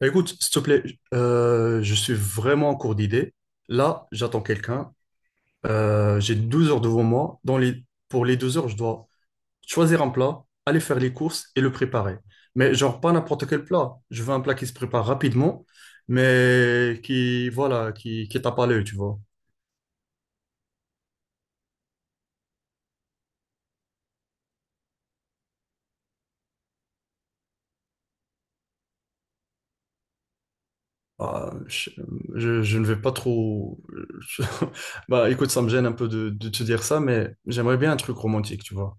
Bah, écoute, s'il te plaît, je suis vraiment en cours d'idée. Là, j'attends quelqu'un. J'ai 12 heures devant moi. Pour les 12 heures, je dois choisir un plat, aller faire les courses et le préparer. Mais genre, pas n'importe quel plat. Je veux un plat qui se prépare rapidement, mais qui, voilà, qui tape à l'œil, tu vois. Ah, je, je ne vais pas trop... Bah, écoute, ça me gêne un peu de te dire ça, mais j'aimerais bien un truc romantique, tu vois.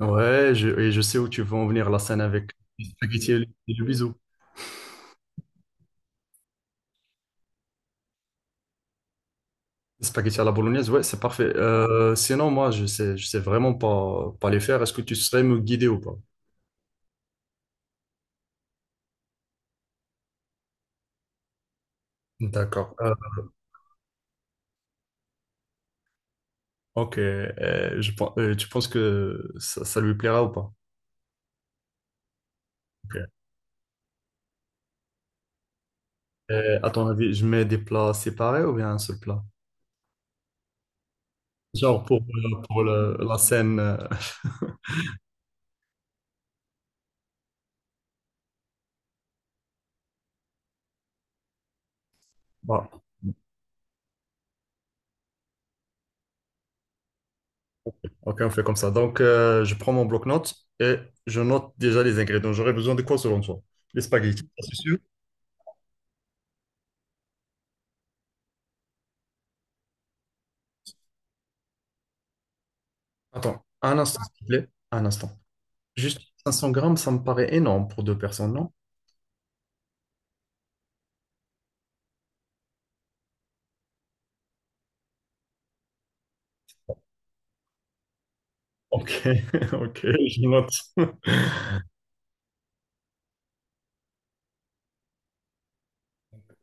Ouais, et je sais où tu veux en venir, la scène avec les spaghettis et le bisou. Les spaghettis à la bolognaise, ouais, c'est parfait. Sinon, moi, je sais vraiment pas les faire. Est-ce que tu serais me guider ou pas? D'accord. Ok, tu penses que ça lui plaira ou pas? Ok. À ton avis, je mets des plats séparés ou bien un seul plat? Genre pour la scène. Bah, ok, on fait comme ça. Donc, je prends mon bloc-notes et je note déjà les ingrédients. J'aurais besoin de quoi selon toi? Les spaghettis, ça, c'est sûr. Attends, un instant, s'il te plaît. Un instant. Juste 500 grammes, ça me paraît énorme pour deux personnes, non? Ok, ok, je note.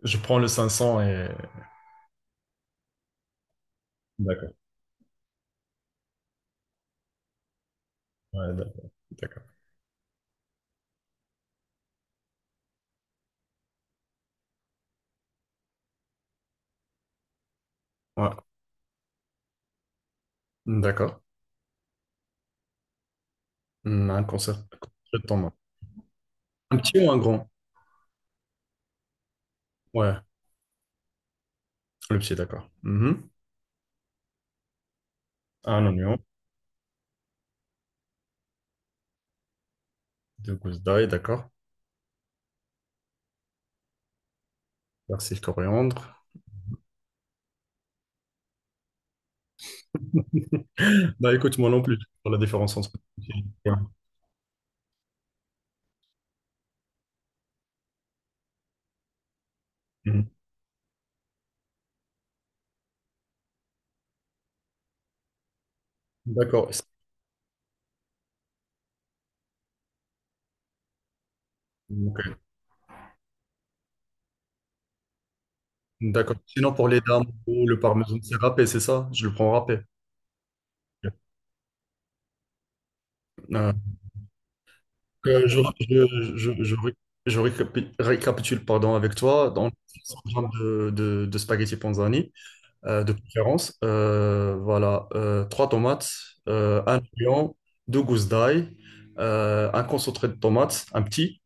Je prends le 500 et... D'accord, ouais, d'accord. D'accord. Ouais, d'accord. Hmm, un concert. je t'en- Un petit ou un grand? Ouais, le petit, d'accord. Mhm. Un oignon, deux gousses d'ail, d'accord. Persil, coriandre. Bah écoute, moi non plus, pour la différence entre... Ouais. Mhm. D'accord. Ok. D'accord. Sinon, pour les dames, le parmesan, c'est râpé, c'est ça? Je le prends râpé. Euh, que je ré- Je récapitule pardon, avec toi. Donc, 100 grammes de spaghetti panzani, de préférence. Voilà, Trois tomates, un oignon, deux gousses d'ail, un concentré de tomates, un petit.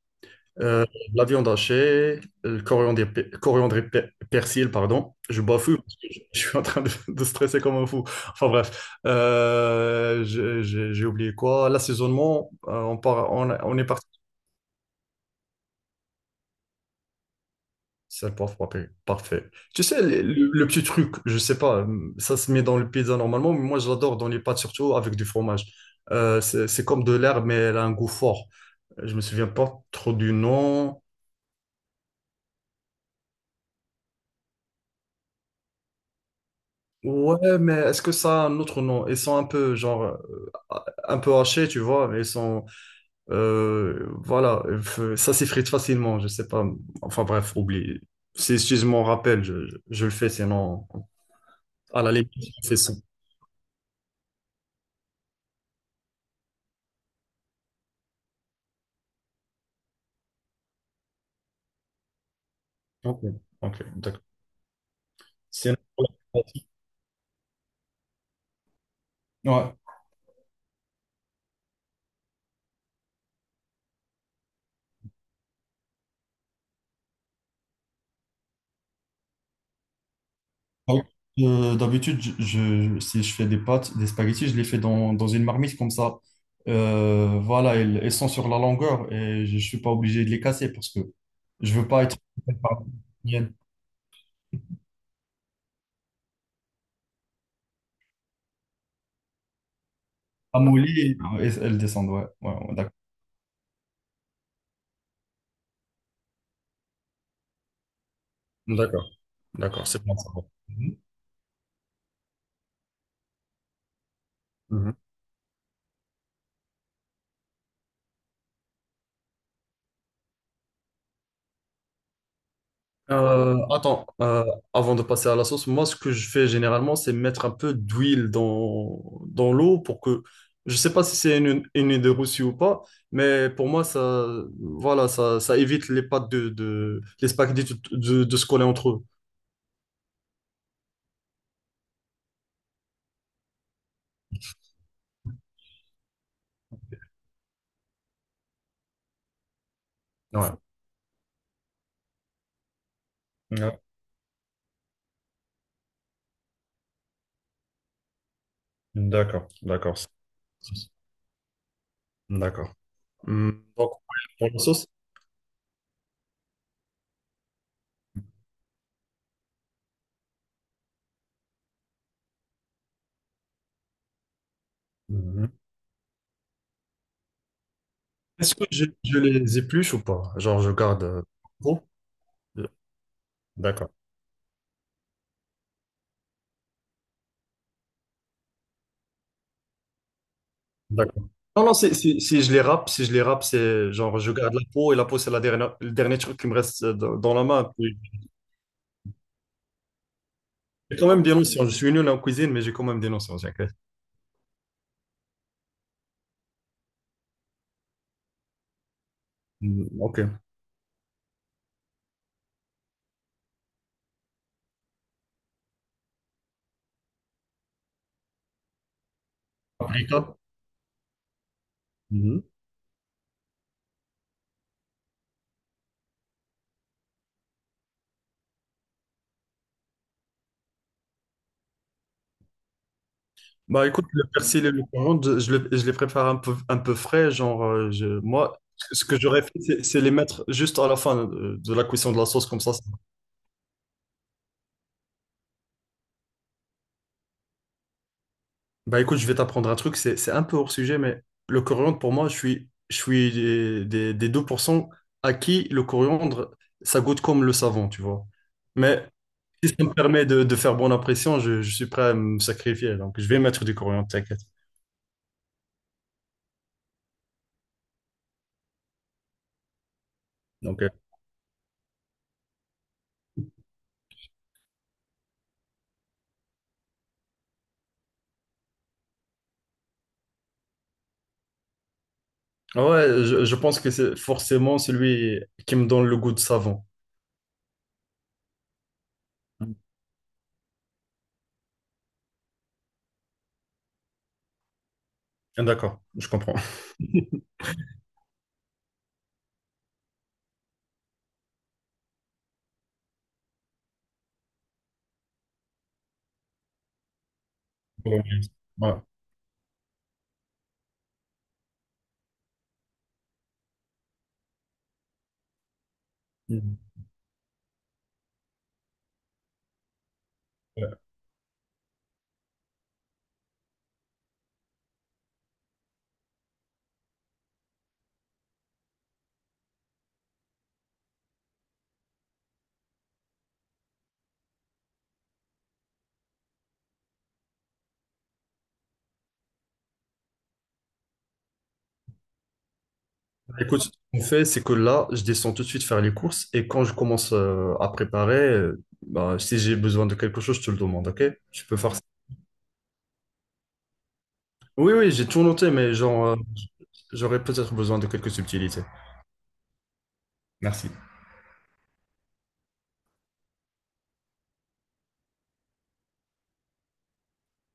Euh, de la viande hachée, le coriandre, coriandre et persil, pardon. Je bafoue parce que je suis en train de stresser comme un fou. Enfin bref, j'ai oublié quoi. L'assaisonnement, on est parti. Sel, poivre, paprika. Parfait. Tu sais, le petit truc, je sais pas, ça se met dans le pizza normalement, mais moi je l'adore dans les pâtes, surtout avec du fromage. C'est comme de l'herbe, mais elle a un goût fort. Je me souviens pas trop du nom. Ouais, mais est-ce que ça a un autre nom? Ils sont un peu, genre, un peu hachés, tu vois, mais ils sont, voilà, ça s'effrite facilement, je sais pas. Enfin bref, oublie. Si je m'en rappelle, je le fais, sinon, à la limite, je fais ça. Ok, ok, d'accord. Sinon, ouais. Ah oui. D'habitude, si je fais des pâtes, des spaghettis, je les fais dans une marmite comme ça. Voilà, elles, elles sont sur la longueur et je ne suis pas obligé de les casser parce que je veux pas être amolli et elles, elles descendent. Ouais, ouais, ouais, d'accord. D'accord, d'accord, c'est bon. Ça va. Mhm. Mhm. Euh, attends, euh, avant de passer à la sauce, moi ce que je fais généralement c'est mettre un peu d'huile dans l'eau pour que, je sais pas si c'est une idée reçue ou pas, mais pour moi ça, voilà, ça évite les pâtes de les spaghettis de de se coller entre eux. Ouais. Ouais. D'accord, d'accord, d'accord. Donc, pour la sauce. Mhm. Est-ce que je les épluche ou pas? Genre je garde. Gros. D'accord. D'accord. Non, non, si je les râpe, si je les râpe, c'est genre je garde la peau et la peau, c'est la dernière, le dernier truc qui me reste dans la main. Puis, j'ai quand même des notions. Je suis nul en cuisine, mais j'ai quand même des notions, t'inquiète. Mm, ok. Paprika. Mhm. Bah écoute, le persil et le coriandre, je les prépare un peu frais. Genre, moi, ce que j'aurais fait, c'est les mettre juste à la fin de la cuisson de la sauce, comme ça. Bah écoute, je vais t'apprendre un truc, c'est un peu hors sujet, mais le coriandre, pour moi, je suis des 2% à qui le coriandre, ça goûte comme le savon, tu vois. Mais si ça me permet de faire bonne impression, je suis prêt à me sacrifier. Donc, je vais mettre du coriandre, t'inquiète. Donc, ouais, je pense que c'est forcément celui qui me donne le goût de savon. D'accord, je comprends. Ouais. Écoute, ce qu'on fait, c'est que là, je descends tout de suite faire les courses et quand je commence à préparer, bah, si j'ai besoin de quelque chose, je te le demande, ok? Tu peux faire ça. Oui, oui, j'ai tout noté, mais genre, j'aurais peut-être besoin de quelques subtilités. Merci.